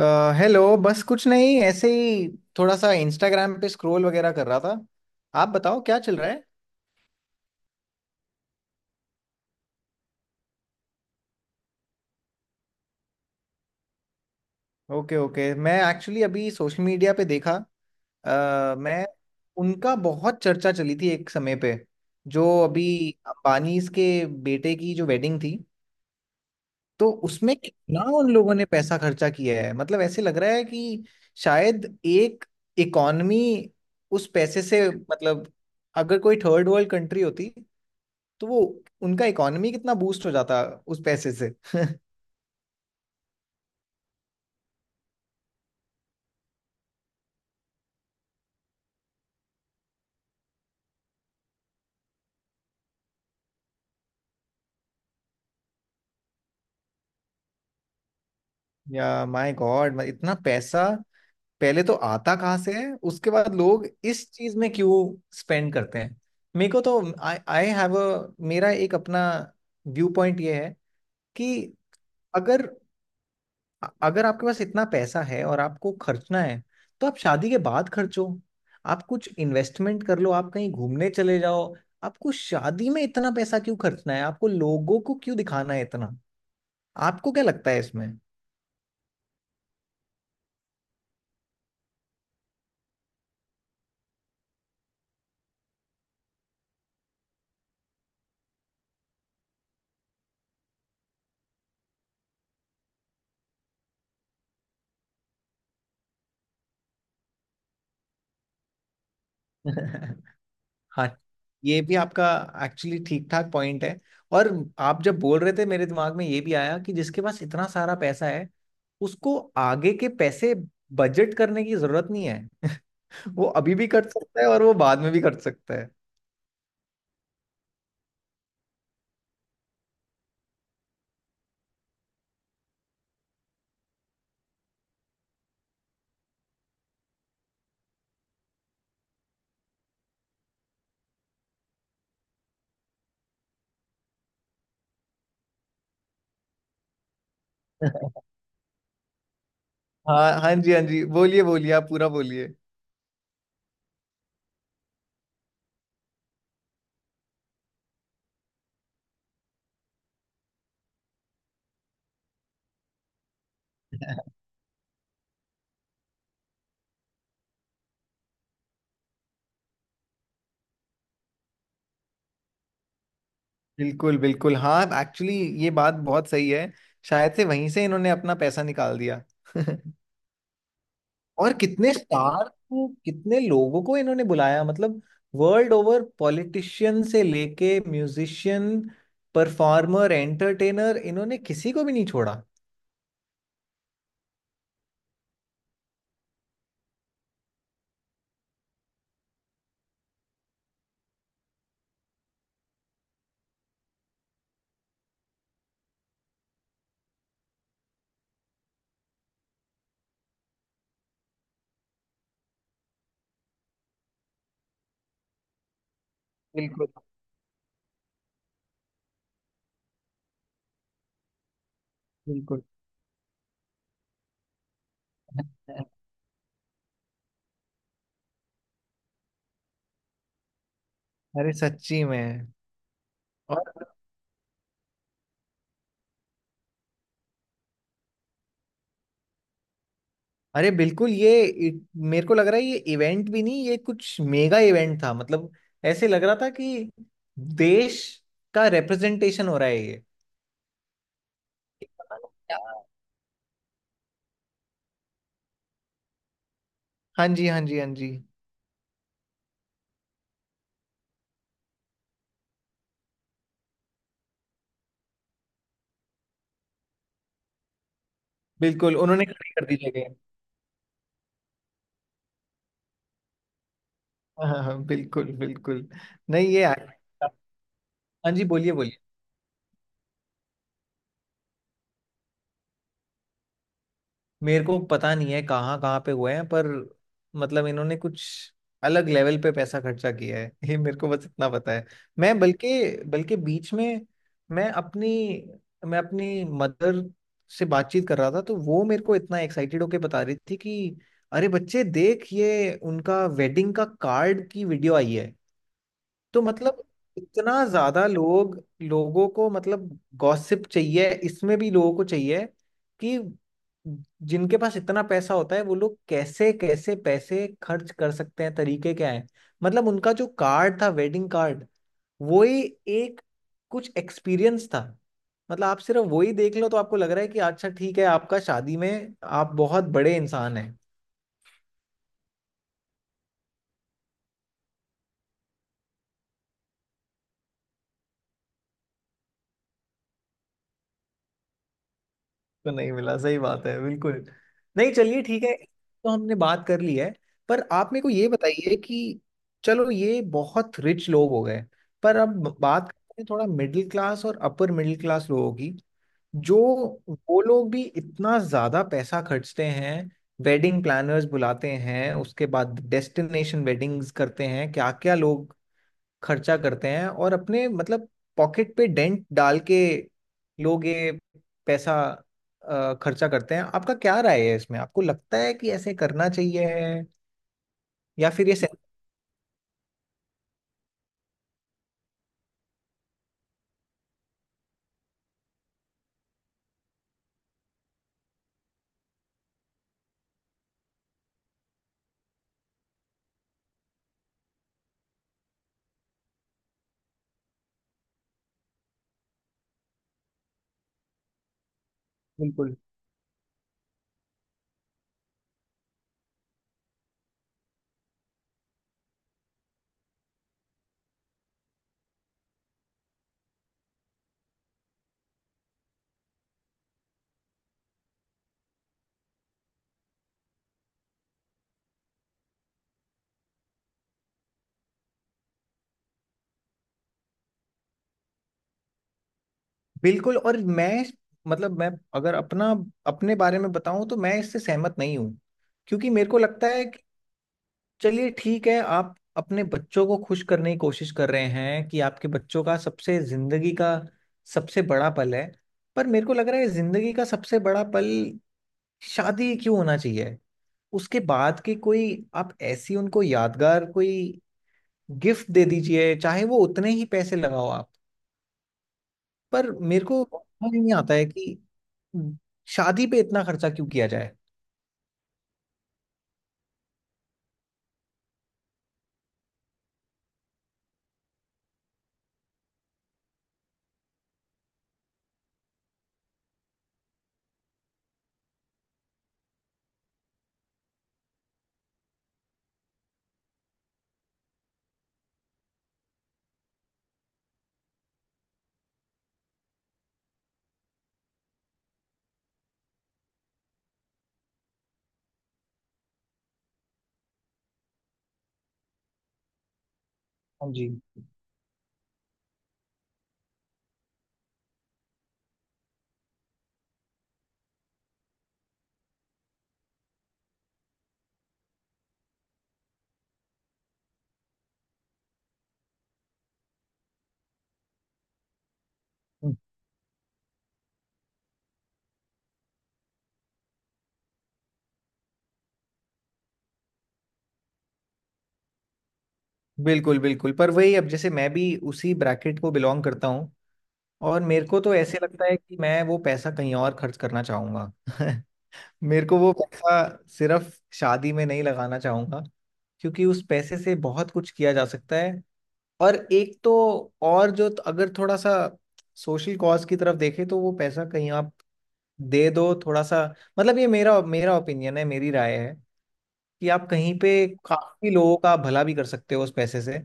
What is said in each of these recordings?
अ, hello. बस कुछ नहीं, ऐसे ही थोड़ा सा इंस्टाग्राम पे स्क्रॉल वगैरह कर रहा था। आप बताओ क्या चल रहा है। ओके ओके, मैं एक्चुअली अभी सोशल मीडिया पे देखा। अ, मैं उनका बहुत चर्चा चली थी एक समय पे, जो अभी अंबानीज के बेटे की जो वेडिंग थी। तो उसमें कितना उन लोगों ने पैसा खर्चा किया है, मतलब ऐसे लग रहा है कि शायद एक इकॉनमी उस पैसे से, मतलब अगर कोई थर्ड वर्ल्ड कंट्री होती तो वो, उनका इकॉनमी कितना बूस्ट हो जाता उस पैसे से या माय गॉड, इतना पैसा पहले तो आता कहाँ से है, उसके बाद लोग इस चीज में क्यों स्पेंड करते हैं। मेरे को तो आई आई हैव अ, मेरा एक अपना व्यू पॉइंट ये है कि अगर अगर आपके पास इतना पैसा है और आपको खर्चना है, तो आप शादी के बाद खर्चो। आप कुछ इन्वेस्टमेंट कर लो, आप कहीं घूमने चले जाओ। आपको शादी में इतना पैसा क्यों खर्चना है, आपको लोगों को क्यों दिखाना है इतना। आपको क्या लगता है इसमें? हाँ, ये भी आपका एक्चुअली ठीक ठाक पॉइंट है। और आप जब बोल रहे थे मेरे दिमाग में ये भी आया कि जिसके पास इतना सारा पैसा है उसको आगे के पैसे बजट करने की जरूरत नहीं है वो अभी भी खर्च सकता है और वो बाद में भी खर्च सकता है। हाँ हाँ जी, हाँ जी बोलिए, बोलिए आप पूरा बोलिए। बिल्कुल बिल्कुल, हाँ एक्चुअली ये बात बहुत सही है। शायद से वहीं से इन्होंने अपना पैसा निकाल दिया और कितने स्टार को, कितने लोगों को इन्होंने बुलाया, मतलब वर्ल्ड ओवर पॉलिटिशियन से लेके म्यूजिशियन, परफॉर्मर, एंटरटेनर, इन्होंने किसी को भी नहीं छोड़ा। बिल्कुल बिल्कुल। अरे सच्ची में। और अरे बिल्कुल, मेरे को लग रहा है ये इवेंट भी नहीं, ये कुछ मेगा इवेंट था। मतलब ऐसे लग रहा था कि देश का रिप्रेजेंटेशन हो रहा है ये। यार, हाँ जी हाँ जी हाँ जी। बिल्कुल, उन्होंने खड़ी कर दी जगह। हाँ हाँ हाँ, बिल्कुल बिल्कुल। नहीं ये, हाँ जी बोलिए बोलिए। मेरे को पता नहीं है कहाँ कहाँ पे हुए हैं, पर मतलब इन्होंने कुछ अलग लेवल पे पैसा खर्चा किया है, ये मेरे को बस इतना पता है। मैं बल्कि, बल्कि बीच में, मैं अपनी मैं अपनी मदर से बातचीत कर रहा था तो वो मेरे को इतना एक्साइटेड होके बता रही थी कि अरे बच्चे देख, ये उनका वेडिंग का कार्ड की वीडियो आई है। तो मतलब इतना ज्यादा लोग, लोगों को, मतलब गॉसिप चाहिए, इसमें भी लोगों को चाहिए कि जिनके पास इतना पैसा होता है वो लोग कैसे कैसे पैसे खर्च कर सकते हैं, तरीके क्या हैं। मतलब उनका जो कार्ड था, वेडिंग कार्ड, वो ही एक कुछ एक्सपीरियंस था। मतलब आप सिर्फ वही देख लो तो आपको लग रहा है कि अच्छा ठीक है, आपका शादी में आप बहुत बड़े इंसान हैं। तो नहीं मिला, सही बात है बिल्कुल। नहीं चलिए ठीक है, तो हमने बात कर ली है। पर आप मेरे को ये बताइए कि चलो ये बहुत रिच लोग हो गए, पर अब बात करते हैं थोड़ा मिडिल क्लास और अपर मिडिल क्लास लोगों की। जो वो लोग भी इतना ज्यादा पैसा खर्चते हैं, वेडिंग प्लानर्स बुलाते हैं, उसके बाद डेस्टिनेशन वेडिंग्स करते हैं, क्या क्या लोग खर्चा करते हैं और अपने, मतलब पॉकेट पे डेंट डाल के लोग ये पैसा खर्चा करते हैं। आपका क्या राय है इसमें, आपको लगता है कि ऐसे करना चाहिए है या फिर ये सही? बिल्कुल बिल्कुल। और मैं, मतलब मैं, अगर अपना, अपने बारे में बताऊं तो मैं इससे सहमत नहीं हूं, क्योंकि मेरे को लगता है चलिए ठीक है, आप अपने बच्चों को खुश करने की कोशिश कर रहे हैं कि आपके बच्चों का सबसे जिंदगी का सबसे बड़ा पल है। पर मेरे को लग रहा है जिंदगी का सबसे बड़ा पल शादी क्यों होना चाहिए? उसके बाद की कोई, आप ऐसी उनको यादगार कोई गिफ्ट दे दीजिए, चाहे वो उतने ही पैसे लगाओ आप। पर मेरे को समझ नहीं आता है कि शादी पे इतना खर्चा क्यों किया जाए। हाँ जी। बिल्कुल बिल्कुल, पर वही अब जैसे मैं भी उसी ब्रैकेट को बिलोंग करता हूँ, और मेरे को तो ऐसे लगता है कि मैं वो पैसा कहीं और खर्च करना चाहूंगा। मेरे को वो पैसा सिर्फ शादी में नहीं लगाना चाहूंगा, क्योंकि उस पैसे से बहुत कुछ किया जा सकता है। और एक तो, और जो तो, अगर थोड़ा सा सोशल कॉज की तरफ देखें तो वो पैसा कहीं आप दे दो थोड़ा सा, मतलब ये मेरा, मेरा ओपिनियन है, मेरी राय है कि आप कहीं पे काफी लोगों का भला भी कर सकते हो उस पैसे से।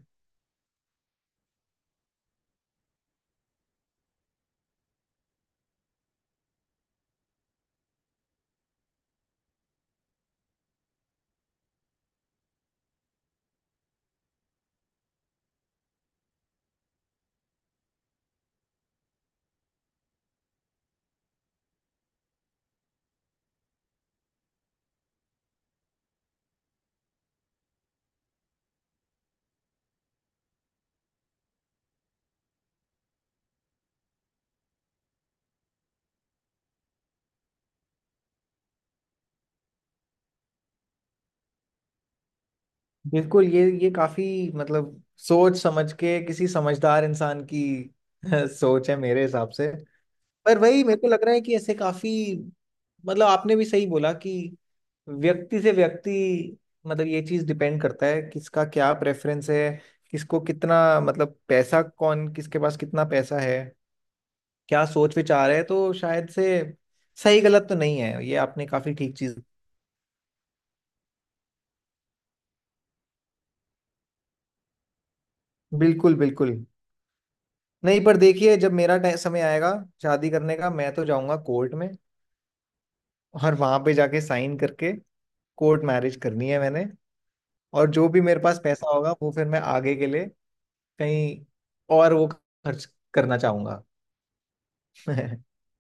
बिल्कुल, ये काफी, मतलब सोच समझ के किसी समझदार इंसान की सोच है मेरे हिसाब से। पर वही मेरे को लग रहा है कि ऐसे काफी, मतलब आपने भी सही बोला कि व्यक्ति से व्यक्ति, मतलब ये चीज डिपेंड करता है किसका क्या प्रेफरेंस है, किसको कितना, मतलब पैसा कौन, किसके पास कितना पैसा है, क्या सोच विचार है, तो शायद से सही गलत तो नहीं है ये, आपने काफी ठीक चीज। बिल्कुल बिल्कुल। नहीं पर देखिए, जब मेरा समय आएगा शादी करने का, मैं तो जाऊंगा कोर्ट में, और वहां पे जाके साइन करके कोर्ट मैरिज करनी है मैंने। और जो भी मेरे पास पैसा होगा वो फिर मैं आगे के लिए कहीं और वो खर्च करना चाहूंगा।